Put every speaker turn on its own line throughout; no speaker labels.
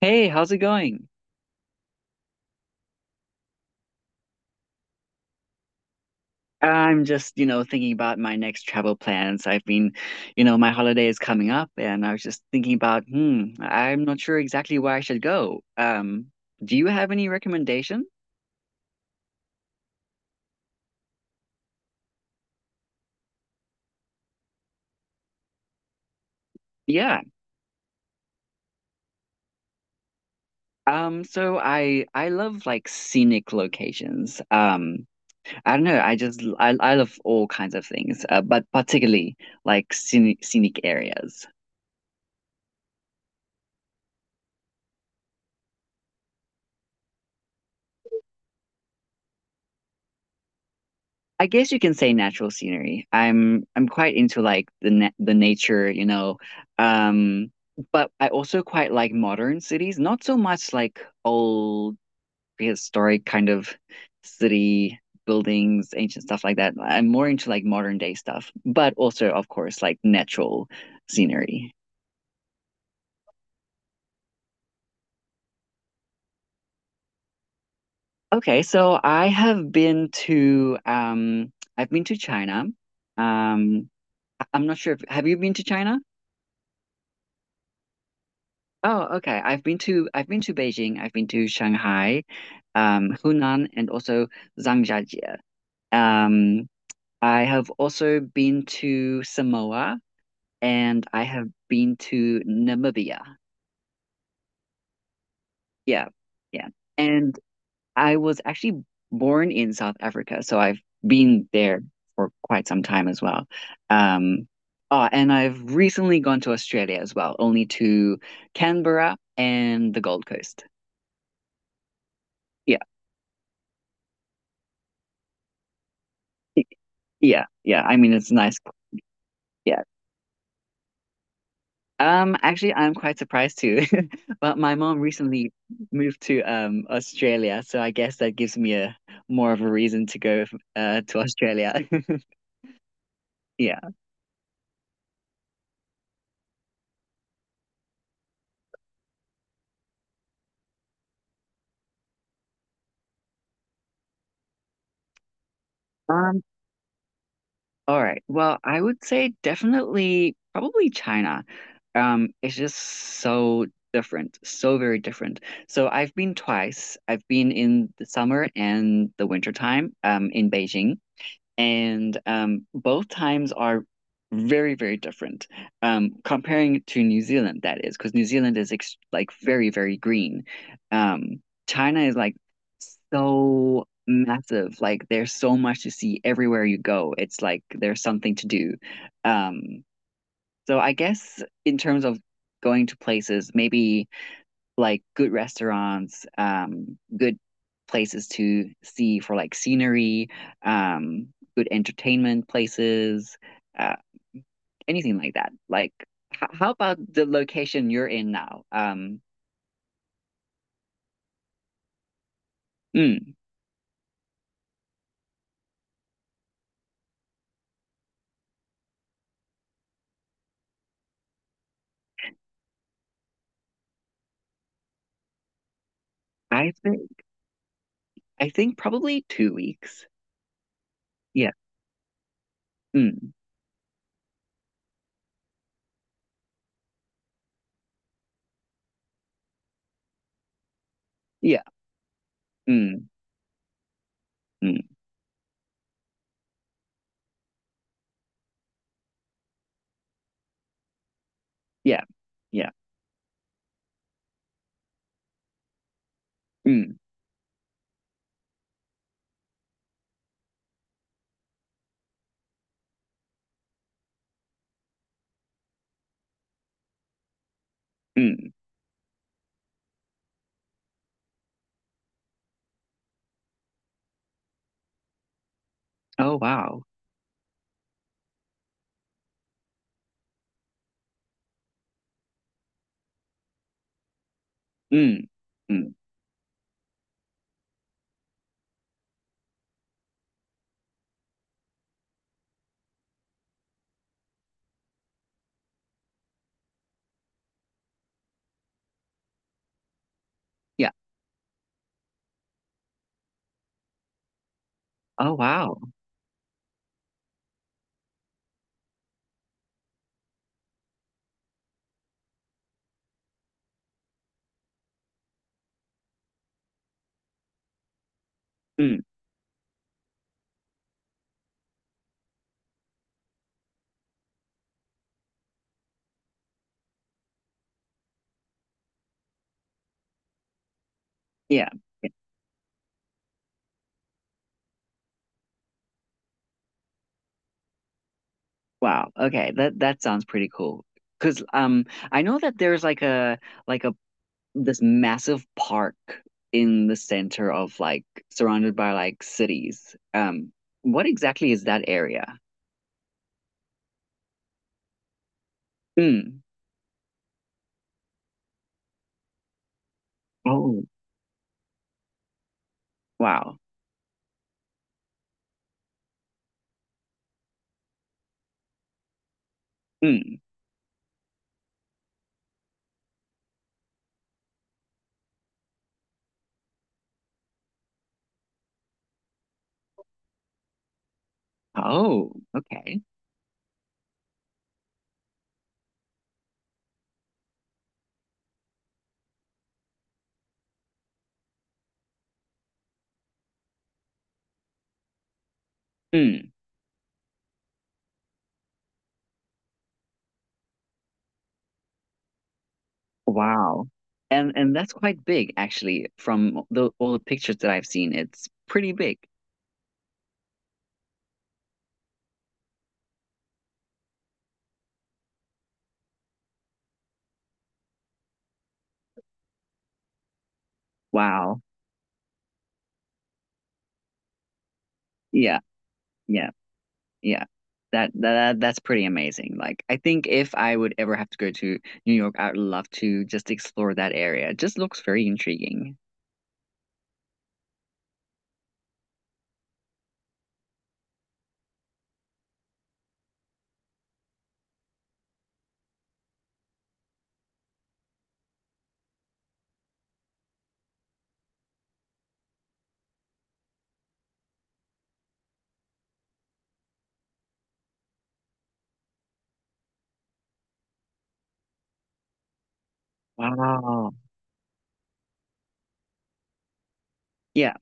Hey, how's it going? I'm just, you know, thinking about my next travel plans. I've been, you know, my holiday is coming up and I was just thinking about, I'm not sure exactly where I should go. Do you have any recommendation? Yeah. So I love like scenic locations. I don't know, I just I love all kinds of things, but particularly like scenic areas. I guess you can say natural scenery. I'm quite into like the nature, you know. Um, but I also quite like modern cities, not so much like old prehistoric kind of city buildings, ancient stuff like that. I'm more into like modern day stuff, but also of course like natural scenery. Okay, so I have been to China. Um I'm not sure if have you been to China? Oh, okay. I've been to Beijing. I've been to Shanghai, Hunan, and also Zhangjiajie. Um, I have also been to Samoa, and I have been to Namibia. Yeah, yeah. And I was actually born in South Africa, so I've been there for quite some time as well. Um, and I've recently gone to Australia as well, only to Canberra and the Gold Coast. Yeah. Yeah, yeah. I mean, it's nice. Yeah. Actually, I'm quite surprised too. But my mom recently moved to Australia, so I guess that gives me a more of a reason to go to Australia. Yeah. Um, all right. Well, I would say definitely probably China. It's just so different, so very different. So I've been twice. I've been in the summer and the winter time, in Beijing. And both times are very, very different. Comparing to New Zealand, that is, because New Zealand is ex like very, very green. Um, China is like so massive. Like there's so much to see everywhere you go. It's like there's something to do. Um, so I guess in terms of going to places, maybe like good restaurants, good places to see for like scenery, um, good entertainment places, uh, anything like that. How about the location you're in now? Mm, I think I think probably 2 weeks. Yeah. Mm, yeah. Mm, mm, yeah. Yeah. Mm, mm. Oh wow. Mm, mm. Yeah. Oh wow. Mm, yeah. Yeah. Wow. Okay. That sounds pretty cool. 'Cause I know that there's like a this massive park in the center of like surrounded by like cities. What exactly is that area? Mm. Oh, wow. Mm. Oh, okay. Mm. Wow. And that's quite big actually from the all the pictures that I've seen. It's pretty big. Wow. Yeah. Yeah. Yeah. That's pretty amazing. Like I think if I would ever have to go to New York, I would love to just explore that area. It just looks very intriguing. Wow. Yeah.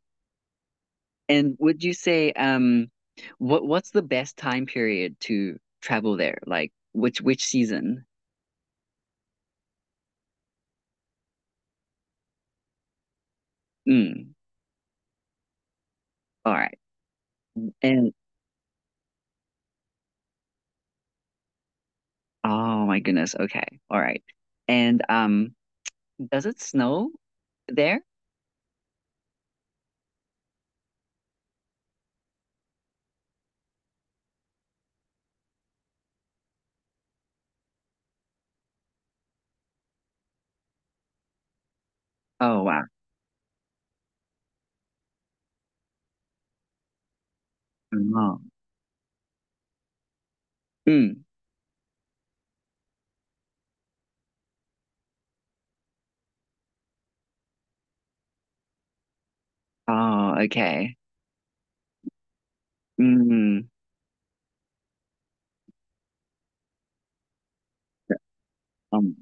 And would you say what what's the best time period to travel there? Like which season? Mm. All right. And oh my goodness. Okay. All right. And does it snow there? Oh wow. No. Mm. Oh, okay. Mm. Um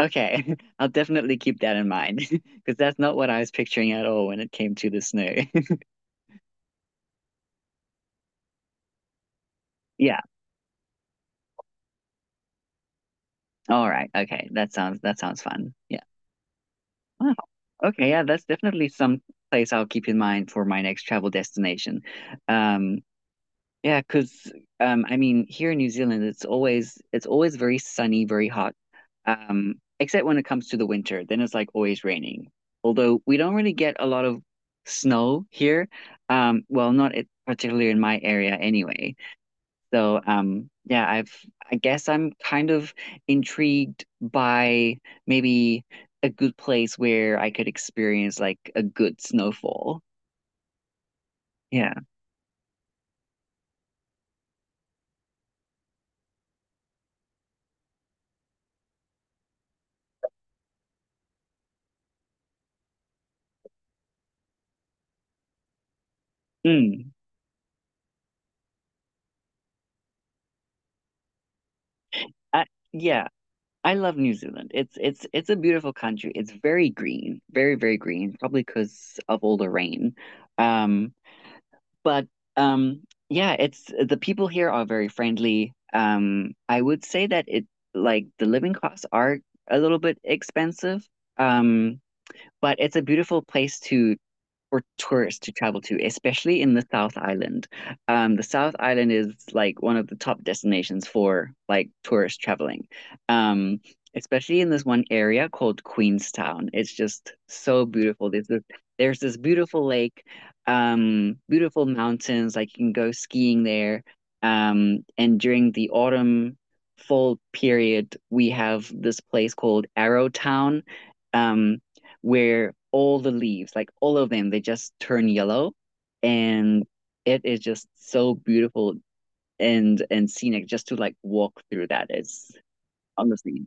Okay, I'll definitely keep that in mind because that's not what I was picturing at all when it came to the snow. Yeah. All right. Okay. That sounds fun. Yeah. Wow. Okay. Yeah, that's definitely some place I'll keep in mind for my next travel destination. Um, Yeah, because I mean, here in New Zealand, it's always very sunny, very hot. Except when it comes to the winter, then it's like always raining. Although we don't really get a lot of snow here. Well, not it, particularly in my area anyway. So yeah, I guess I'm kind of intrigued by maybe a good place where I could experience like a good snowfall. Yeah. Mm. I, yeah. I love New Zealand. It's a beautiful country. It's very green, very green, probably because of all the rain. Um, but um, yeah, it's the people here are very friendly. I would say that it like the living costs are a little bit expensive. Um, but it's a beautiful place to for tourists to travel to, especially in the South Island. The South Island is like one of the top destinations for like tourist traveling. Um, Especially in this one area called Queenstown. It's just so beautiful. There's this beautiful lake, beautiful mountains, like you can go skiing there. And during the autumn fall period, we have this place called Arrowtown. Um, where all the leaves, like all of them, they just turn yellow, and it is just so beautiful and scenic just to like walk through that is honestly.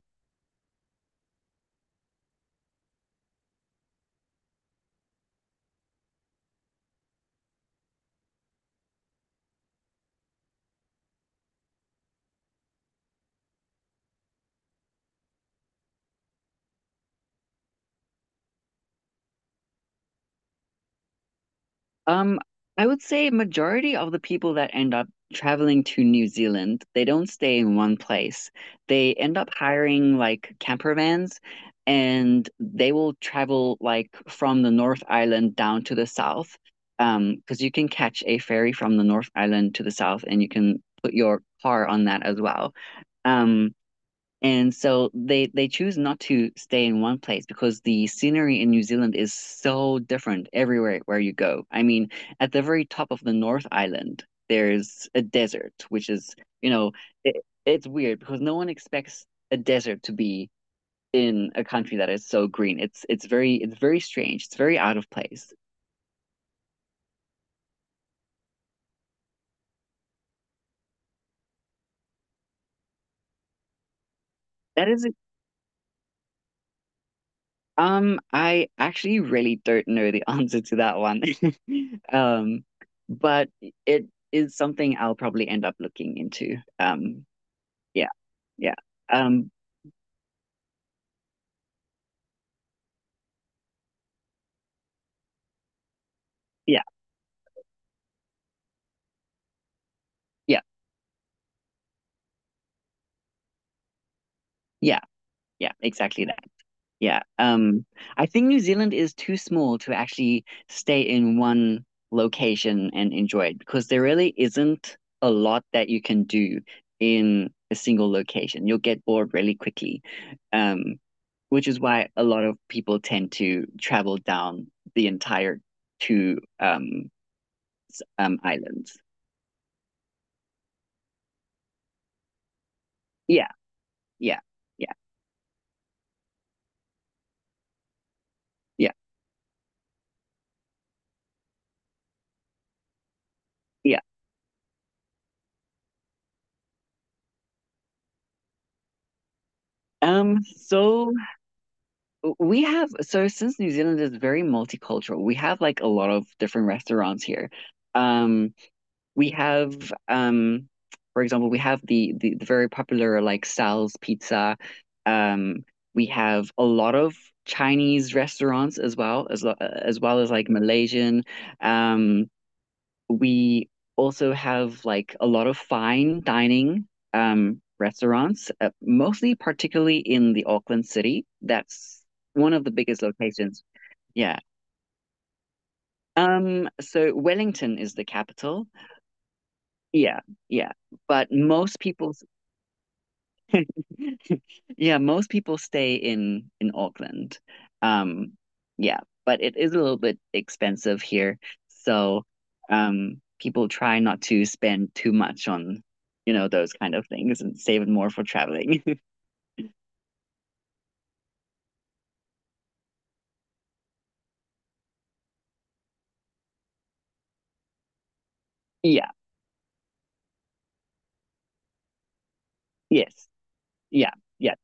Um, I would say majority of the people that end up traveling to New Zealand, they don't stay in one place. They end up hiring like camper vans and they will travel like from the North Island down to the south. Because you can catch a ferry from the North Island to the south and you can put your car on that as well. Um, and so they choose not to stay in one place because the scenery in New Zealand is so different everywhere where you go. I mean, at the very top of the North Island, there's a desert, which is, you know, it, it's weird because no one expects a desert to be in a country that is so green. It's very strange. It's very out of place. That is. I actually really don't know the answer to that one. Um, but it is something I'll probably end up looking into. Yeah, yeah. Um, yeah, yeah, yeah, yeah, exactly. Yeah. I think New Zealand is too small to actually stay in one location and enjoy it because there really isn't a lot that you can do in a single location. You'll get bored really quickly. Um, which is why a lot of people tend to travel down the entire two um islands. Yeah, yeah, yeah, yeah, yeah. Um, so We have so since New Zealand is very multicultural, we have like a lot of different restaurants here. Um, we have For example, we have the very popular like Sal's Pizza. Um, we have a lot of Chinese restaurants as well as as well as like Malaysian. Um, we also have like a lot of fine dining restaurants, mostly particularly in the Auckland city. That's one of the biggest locations. Yeah. Wellington is the capital. Yeah, yeah. But most people. Yeah, most people stay in Auckland. Um, yeah, but it is a little bit expensive here. So, people try not to spend too much on, you know, those kind of things and save it more for traveling. Yeah, yes. Yeah, yeah,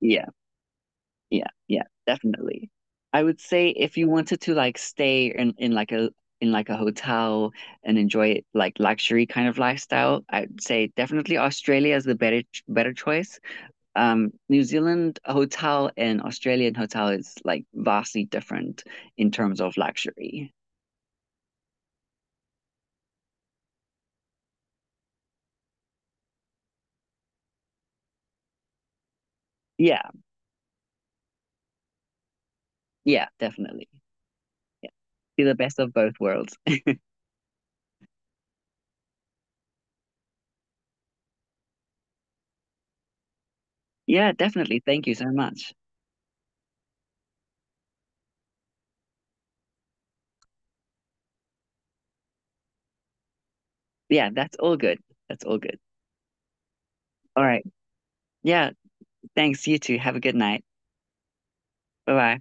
yeah, yeah, yeah, definitely. I would say if you wanted to like stay in in like a hotel and enjoy like luxury kind of lifestyle, I'd say definitely Australia is the better choice. New Zealand hotel and Australian hotel is like vastly different in terms of luxury. Yeah, yeah, definitely. Yeah. See the best of both worlds. Yeah, definitely. Thank you so much. Yeah, that's all good. That's all good. All right. Yeah, thanks. You too. Have a good night. Bye bye.